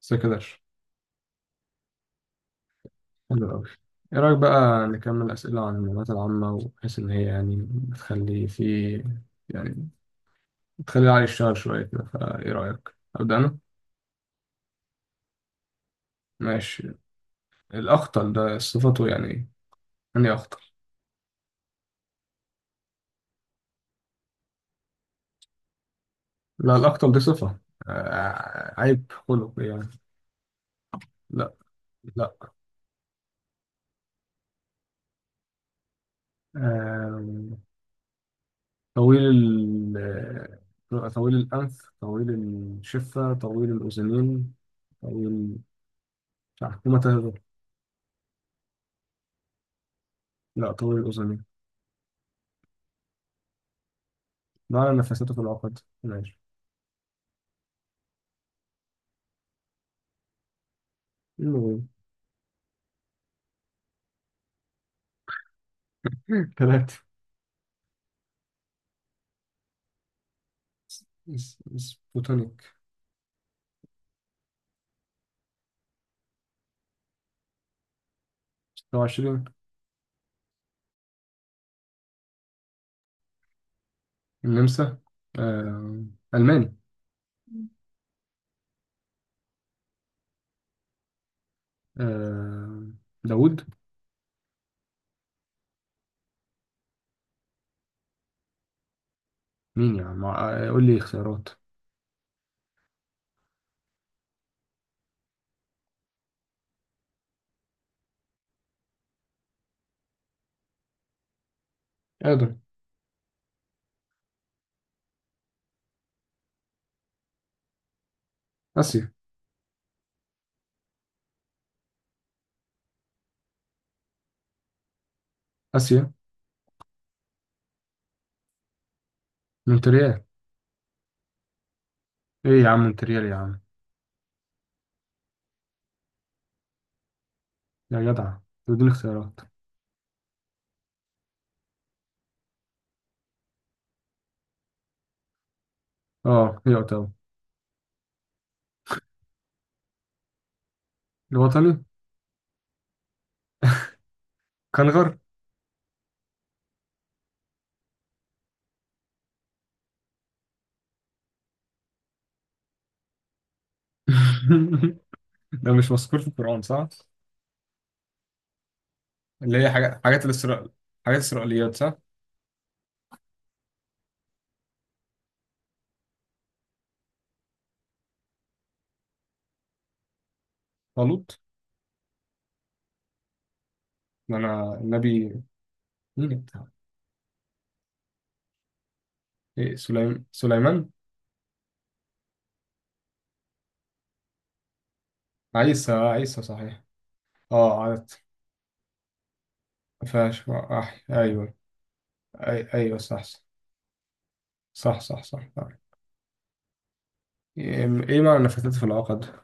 سكدر. حلو أوي. إيه رأيك بقى نكمل أسئلة عن المعلومات العامة، وبحيث إن هي يعني بتخلي في يعني بتخلي العقل يشتغل شوية كده؟ فإيه رأيك؟ أبدأ أنا؟ ماشي. الأخطل ده صفته يعني إيه؟ يعني إيه أخطل؟ لا، الأخطل دي صفة. آه، عيب خلقي يعني. لا، لا. آه طويل ال آه، طويل الأنف، طويل الشفة، طويل الأذنين، طويل بتاع حكومة تهدر. لا، طويل الأذنين. نوع على نفساته في العقد. ماشي. المهم. ثلاثة. سبوتونيك. لو 20. النمسا. آه. ألماني. آه. داوود. مين يا عم؟ قول لي اختيارات. آدم. آسيا. آسيا. مونتريال. إيه يا عم، مونتريال يا عم. يا جدع. بدون اختيارات. اه، هي اوتاوا. الوطني. كنغر. ده مش مذكور في القرآن صح؟ اللي هي حاجات حاجات الإسرائيل حاجات إسرائيليات صح؟ طالوت. ده أنا النبي، مين أنت؟ إيه سليمان. عيسى صحيح. اه، عرفت. ايوه. ايوه صح صح صح صح، صح. صح. ايه إيه معنى نفثت في العقد؟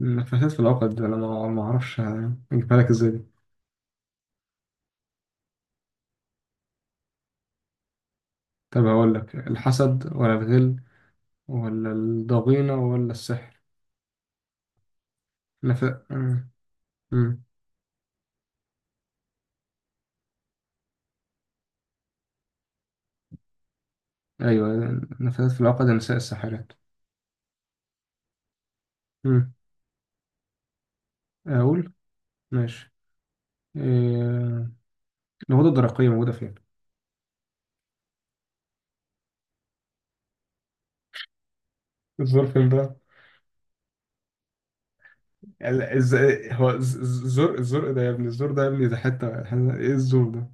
نفثت في العقد، انا ما اعرفش. اجيبها لك ازاي دي. طب هقول لك الحسد، ولا الغل، ولا الضغينة، ولا السحر. نف... مم. مم. ايوه. نفثت في العقد، نساء الساحرات. مم. اقول. ماشي. إيه... الغدة الدرقية موجودة فين؟ الظرف ده. ازاي هو الزرق، الزرق ده يا ابني، الزرق ده يا ابني. ده ايه الزرق ده؟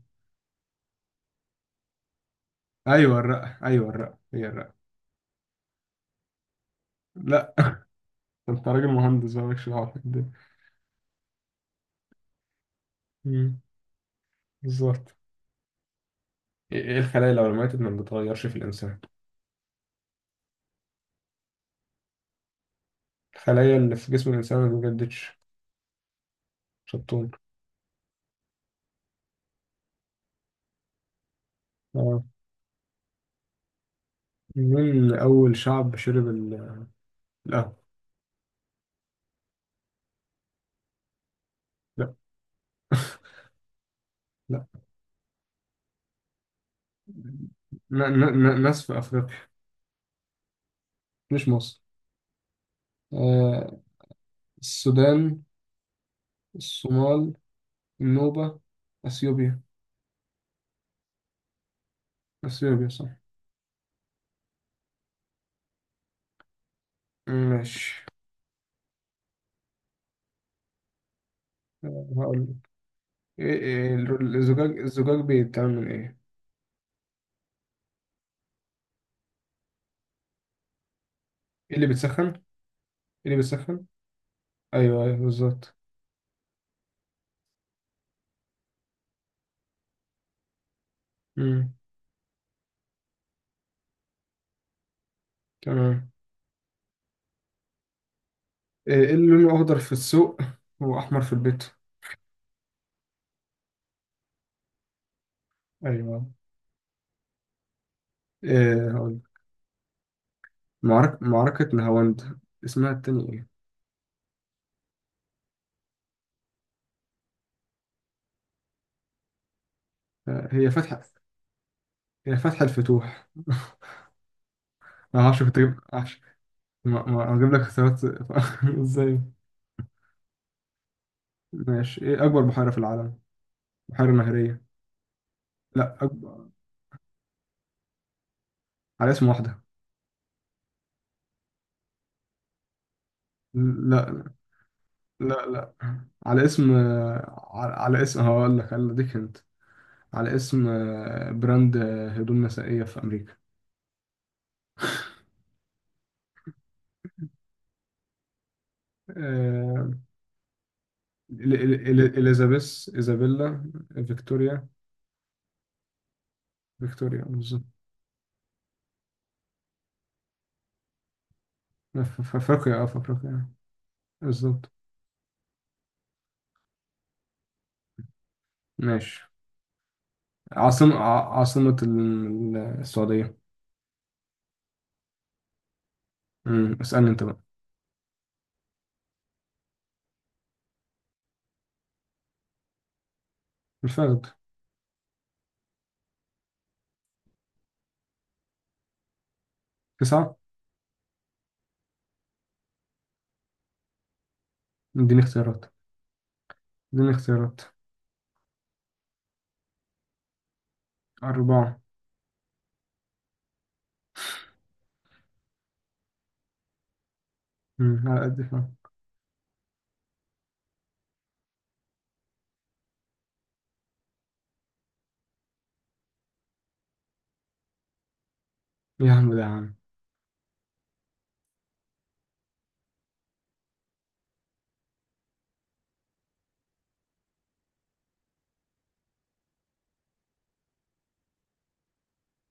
ايوه الرق، ايوه الرق، هي الرق. لا. انت راجل مهندس بقى مالكش دعوه بالدنيا. مم، بالظبط. إيه الخلايا لو ماتت ما بتتغيرش في الانسان؟ الخلايا اللي في جسم الانسان ما بتجددش. شطون. اه. مين اول شعب شرب القهوه؟ لا، لا. ناس في افريقيا. مش مصر. آه السودان، الصومال، النوبه، اثيوبيا. اثيوبيا صح. ماشي. هقول لك. الزجاج بيتعمل من ايه؟ ايه اللي بيتسخن؟ ايه اللي بيتسخن؟ ايوه، ايوه، بالظبط. امم تمام. إيه اللي لونه اخضر في السوق واحمر في البيت؟ ايوه. ايه هقول لك. معركة نهاوند، اسمها التاني ايه؟ هي فتحة. هي فتح الفتوح. ما اعرفش، كنت اجيب معرفش. هجيب لك اختيارات. ازاي؟ ماشي. ايه اكبر بحيرة في العالم؟ بحيرة نهرية. لا، أكبر. على اسم واحدة. لا، لا، لا. على اسم. على اسم هقول لك، انا اديك انت. على اسم براند، هدوم نسائية في أمريكا. آه. إليزابيث، إيزابيلا، فيكتوريا. فيكتوريا بالظبط. في أفريقيا. آه. بالظبط. ماشي. عاصمة السعودية. مم، اسألني أنت بقى. الفخد. تسعة. اديني اختيارات. اديني اختيارات. أربعة. مم، على قد كده. يا عم ده يا عم.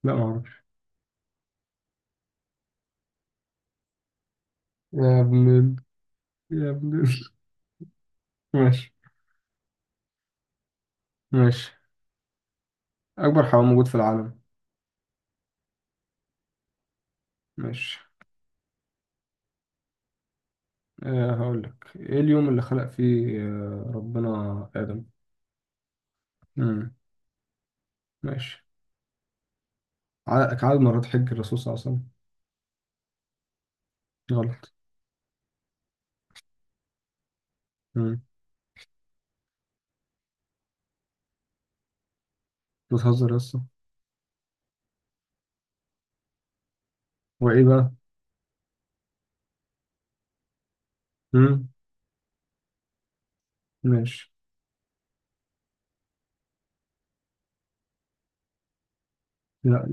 لا معرفش. يا ابن ال- يا ابن ماشي. ماشي. أكبر حيوان موجود في العالم. ماشي. هقول لك إيه اليوم اللي خلق فيه ربنا آدم. مم. ماشي. عدد مرات حج الرسول صلى الله عليه وسلم. غلط. مم. بتهزر لسه. هو إيه بقى؟ مم. ماشي. لا.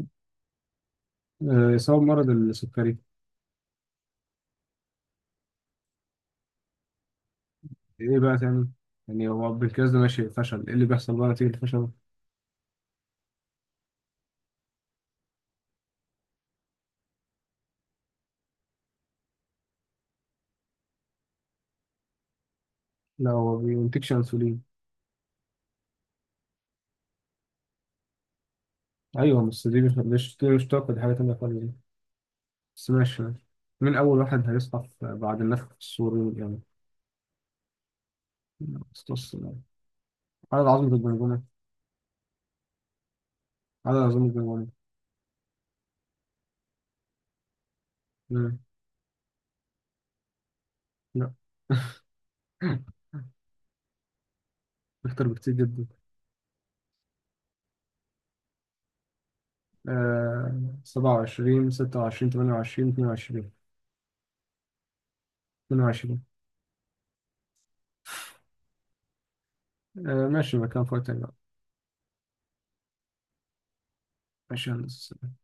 سبب مرض السكري. إيه بقى تاني؟ يعني هو بالكاس ده ماشي فشل، إيه اللي بيحصل بقى نتيجة الفشل؟ لا، هو بينتجش أنسولين. أيوه، بس دي مش طاقة، دي حاجة تانية خالص. بس ماشي، ماشي. مين أول واحد هيصحى بعد النفخ الصوري يعني؟ أسطس. عدد عظمة الجمجمة. عدد عظمة الجمجمة. مم. لا. أكتر بكتير جدا. 27، 26، 28، 22. 22. ماشي، مكان فوق تاني بقى. ماشي يا هندسة.